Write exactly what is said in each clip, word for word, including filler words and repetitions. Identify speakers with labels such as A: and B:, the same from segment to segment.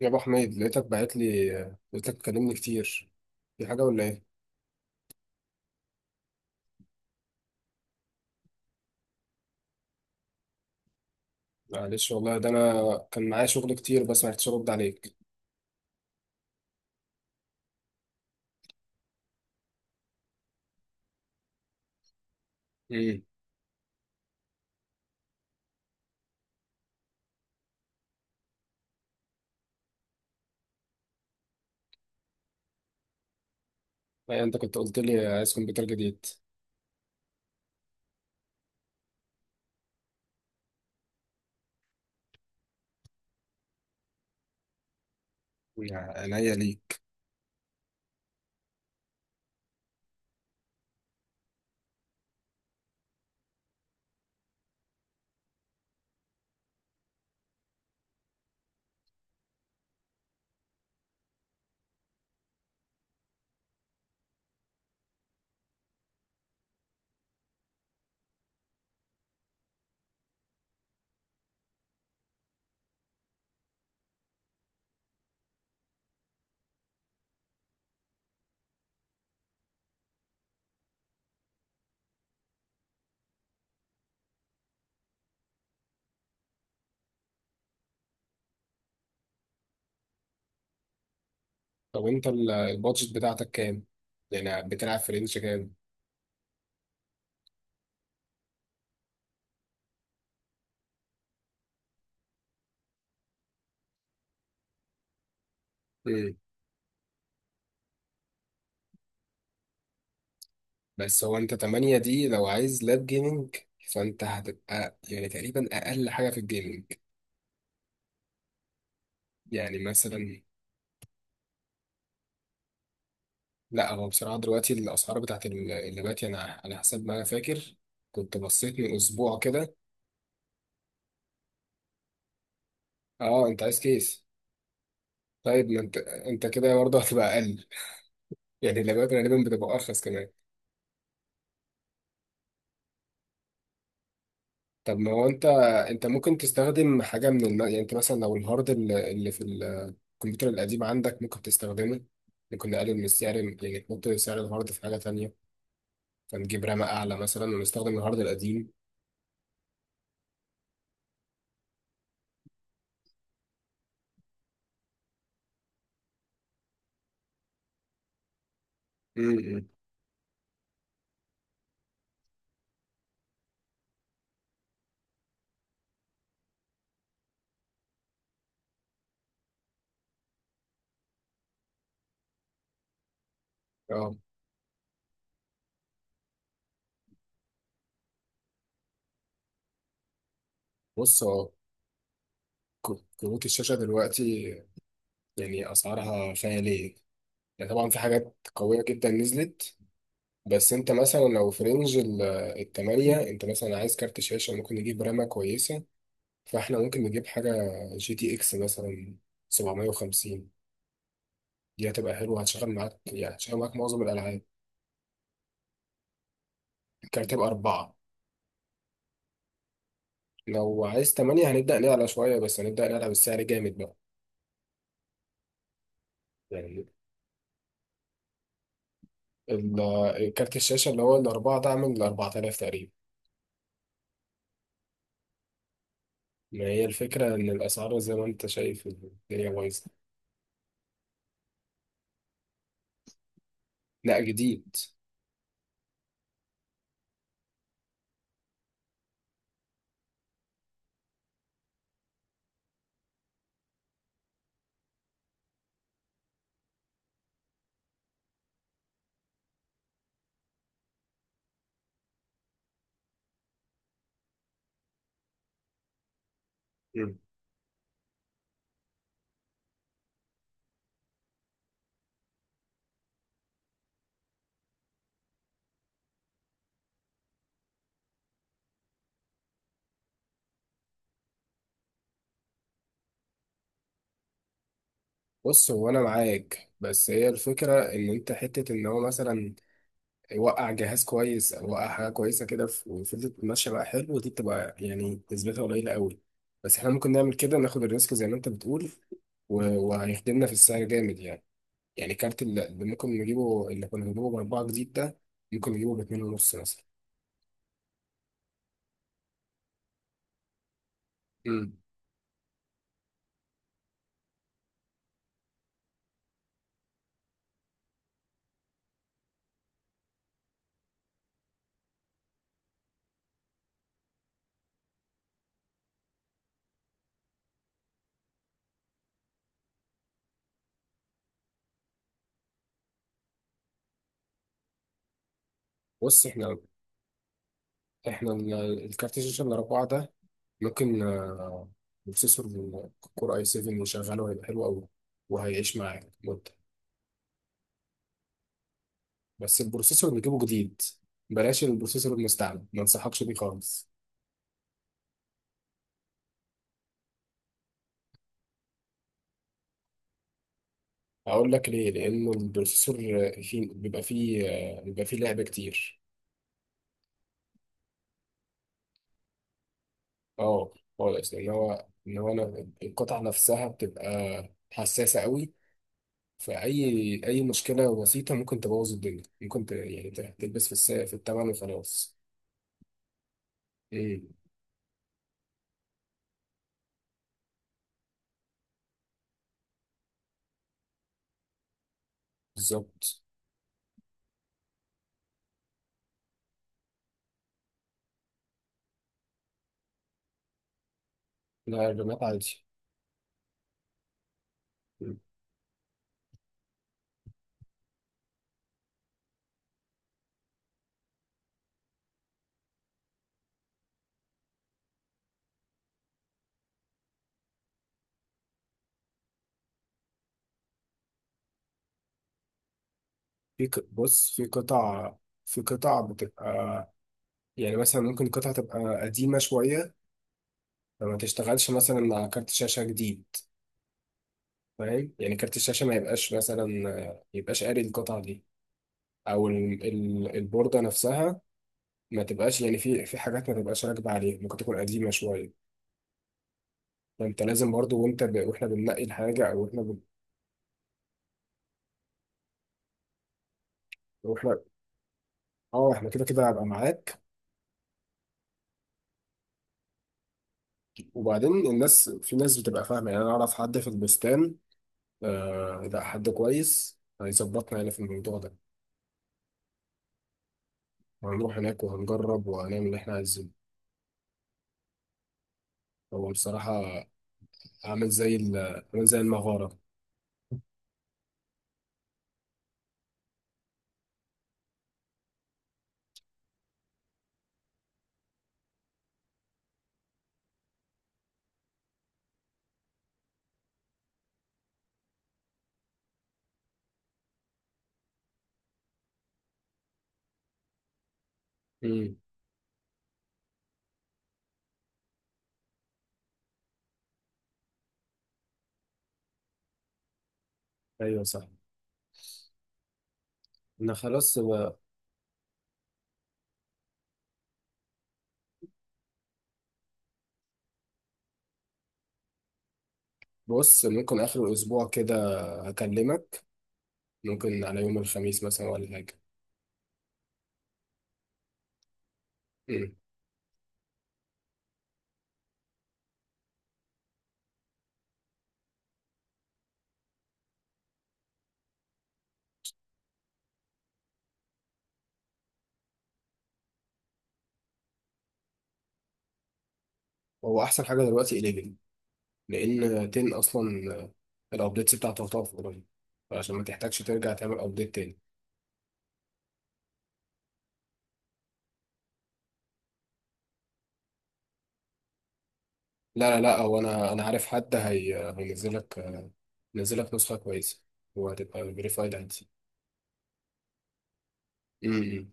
A: يا ابو حميد لقيتك باعت لي، لقيتك بتكلمني كتير. في حاجه ولا ايه؟ معلش والله ده انا كان معايا شغل كتير بس ما عرفتش ارد عليك. امم أي انت كنت قلت لي عايز كمبيوتر جديد. يعني عينيا ليك. طب انت ال- البادجت بتاعتك كام؟ يعني بتلعب في رينج كام؟ امم بس هو انت تمنية دي لو عايز لاب جيمنج، فانت هتبقى يعني تقريبا اقل حاجه في الجيمنج. يعني مثلا، لا هو بصراحة دلوقتي الأسعار بتاعت ال- اللبات، يعني أنا على حسب ما أنا فاكر كنت بصيت من أسبوع كده. أه أنت عايز كيس. طيب ما أنت أنت كده برضه هتبقى أقل، يعني اللبات غالبا بتبقى أرخص كمان. طب ما هو أنت، أنت ممكن تستخدم حاجة من الم... يعني أنت مثلا لو الهارد ال- اللي في ال- الكمبيوتر القديم عندك ممكن تستخدمه، ممكن نقلل من السعر. يعني نحط سعر الهارد في حاجة تانية، فنجيب رامة أعلى مثلا ونستخدم الهارد القديم. م- م. أه. بص هو ك- كروت الشاشة دلوقتي يعني اسعارها خياليه. يعني طبعا في حاجات قويه جدا نزلت، بس انت مثلا لو في رينج ال- التمانية، انت مثلا عايز كارت شاشه ممكن نجيب رامه كويسه. فاحنا ممكن نجيب حاجه جي تي اكس مثلا سبعمائة وخمسين، دي هتبقى حلوه هتشغل معاك، يعني هتشغل معاك معظم الالعاب. الكارت يبقى اربعه، لو عايز تمانية هنبدا نعلى شويه، بس هنبدا نعلى بالسعر جامد بقى. يعني ال- الكارت الشاشه اللي هو الاربعه ده عامل اربعتلاف تقريبا. ما هي الفكره ان الاسعار زي ما انت شايف الدنيا بايظه. لا جديد. مم. بص هو انا معاك، بس هي الفكره ان انت حته ان هو مثلا يوقع جهاز كويس او يوقع حاجه كويسه كده في- وفضلت ماشيه بقى حلو، دي بتبقى يعني نسبتها قليله قوي. بس احنا ممكن نعمل كده ناخد الريسك زي ما انت بتقول، و- وهيخدمنا في السعر جامد يعني. يعني كارت اللي اللي ممكن نجيبه، اللي كنا بنجيبه باربعه جديد ده، ممكن نجيبه باتنين ونص مثلا. مم. بص احنا احنا ال- الكارت الشاشة الأربعة ده ممكن، آه، بروسيسور كور اي سبعة يشغله هيبقى حلو أوي، وهيعيش معاك مدة، بس البروسيسور اللي نجيبه جديد. بلاش البروسيسور المستعمل ما انصحكش بيه خالص. أقول لك ليه، لأنه البروسيسور آه، فيه بيبقى فيه آه، بيبقى فيه لعب كتير. اه خالص، لأن هو إن هو أنا القطعة نفسها بتبقى حساسة أوي، فأي أي مشكلة بسيطة ممكن تبوظ الدنيا، ممكن ت... يعني ت- تلبس في الس... في التمن وخلاص. ايه بالظبط. لا الرماد عادي. مم. في ق- بص في قطع، في قطع بتبقى يعني مثلا ممكن قطعة تبقى قديمة شوية، فما تشتغلش مثلا على كارت شاشة جديد. فاهم؟ يعني كارت الشاشة ما يبقاش مثلا ما يبقاش قاري القطعة دي. أو ال- ال- البوردة نفسها ما تبقاش يعني، في في حاجات ما تبقاش راكبة عليها ممكن تكون قديمة شوية. فأنت لازم برضو وأنت ب... وإحنا بننقي الحاجة أو إحنا ب... وإحنا آه، إحنا كده كده هبقى معاك. وبعدين الناس، في ناس بتبقى فاهمة، يعني أنا أعرف حد في البستان. آه لا حد كويس هيظبطنا يعني في الموضوع ده، وهنروح هناك وهنجرب وهنعمل اللي إحنا عايزينه. هو بصراحة عامل زي ال- عامل زي المغارة. امم أيوه صح. أنا خلاص ب- بص ممكن آخر الأسبوع كده أكلمك، ممكن على يوم الخميس مثلا ولا حاجة. امم هو أحسن حاجة دلوقتي احداشر، لأن عشرة أصلا الأبديتس بتاعته هتقف قريب، عشان ما تحتاجش ترجع تعمل أبديت تاني. لا لا لا هو انا انا عارف حد هي هينزل لك، هينزل لك نسخه كويسه، وهتبقى فيريفايد عادي. امم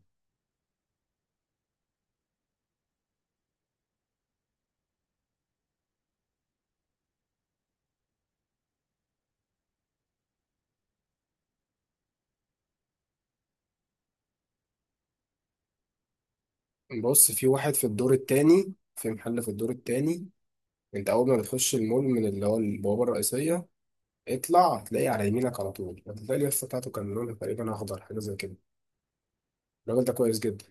A: بص في واحد في الدور التاني، في محل في الدور التاني. انت اول ما بتخش المول من اللي هو البوابه الرئيسيه، اطلع هتلاقي على يمينك على طول، هتلاقي اليافطه بتاعته كان لونها تقريبا اخضر حاجه زي كده. الراجل ده كويس جدا.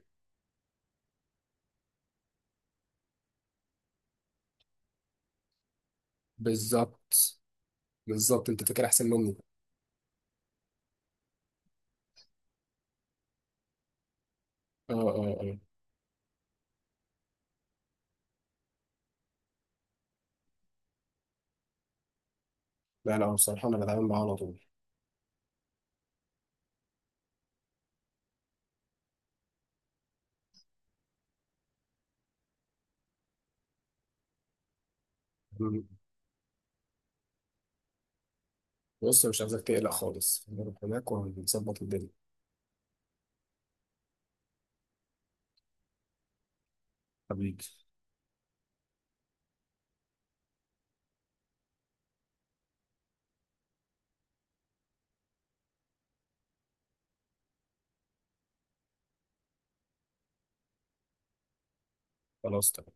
A: بالظبط. بالظبط انت فاكر احسن مني. اه اه اه. لا لا بصراحه انا بتعامل معاه على طول. مم. بص مش عايزك تقلق خالص، هنروح هناك وهنظبط الدنيا. حبيبي خلاص تمام.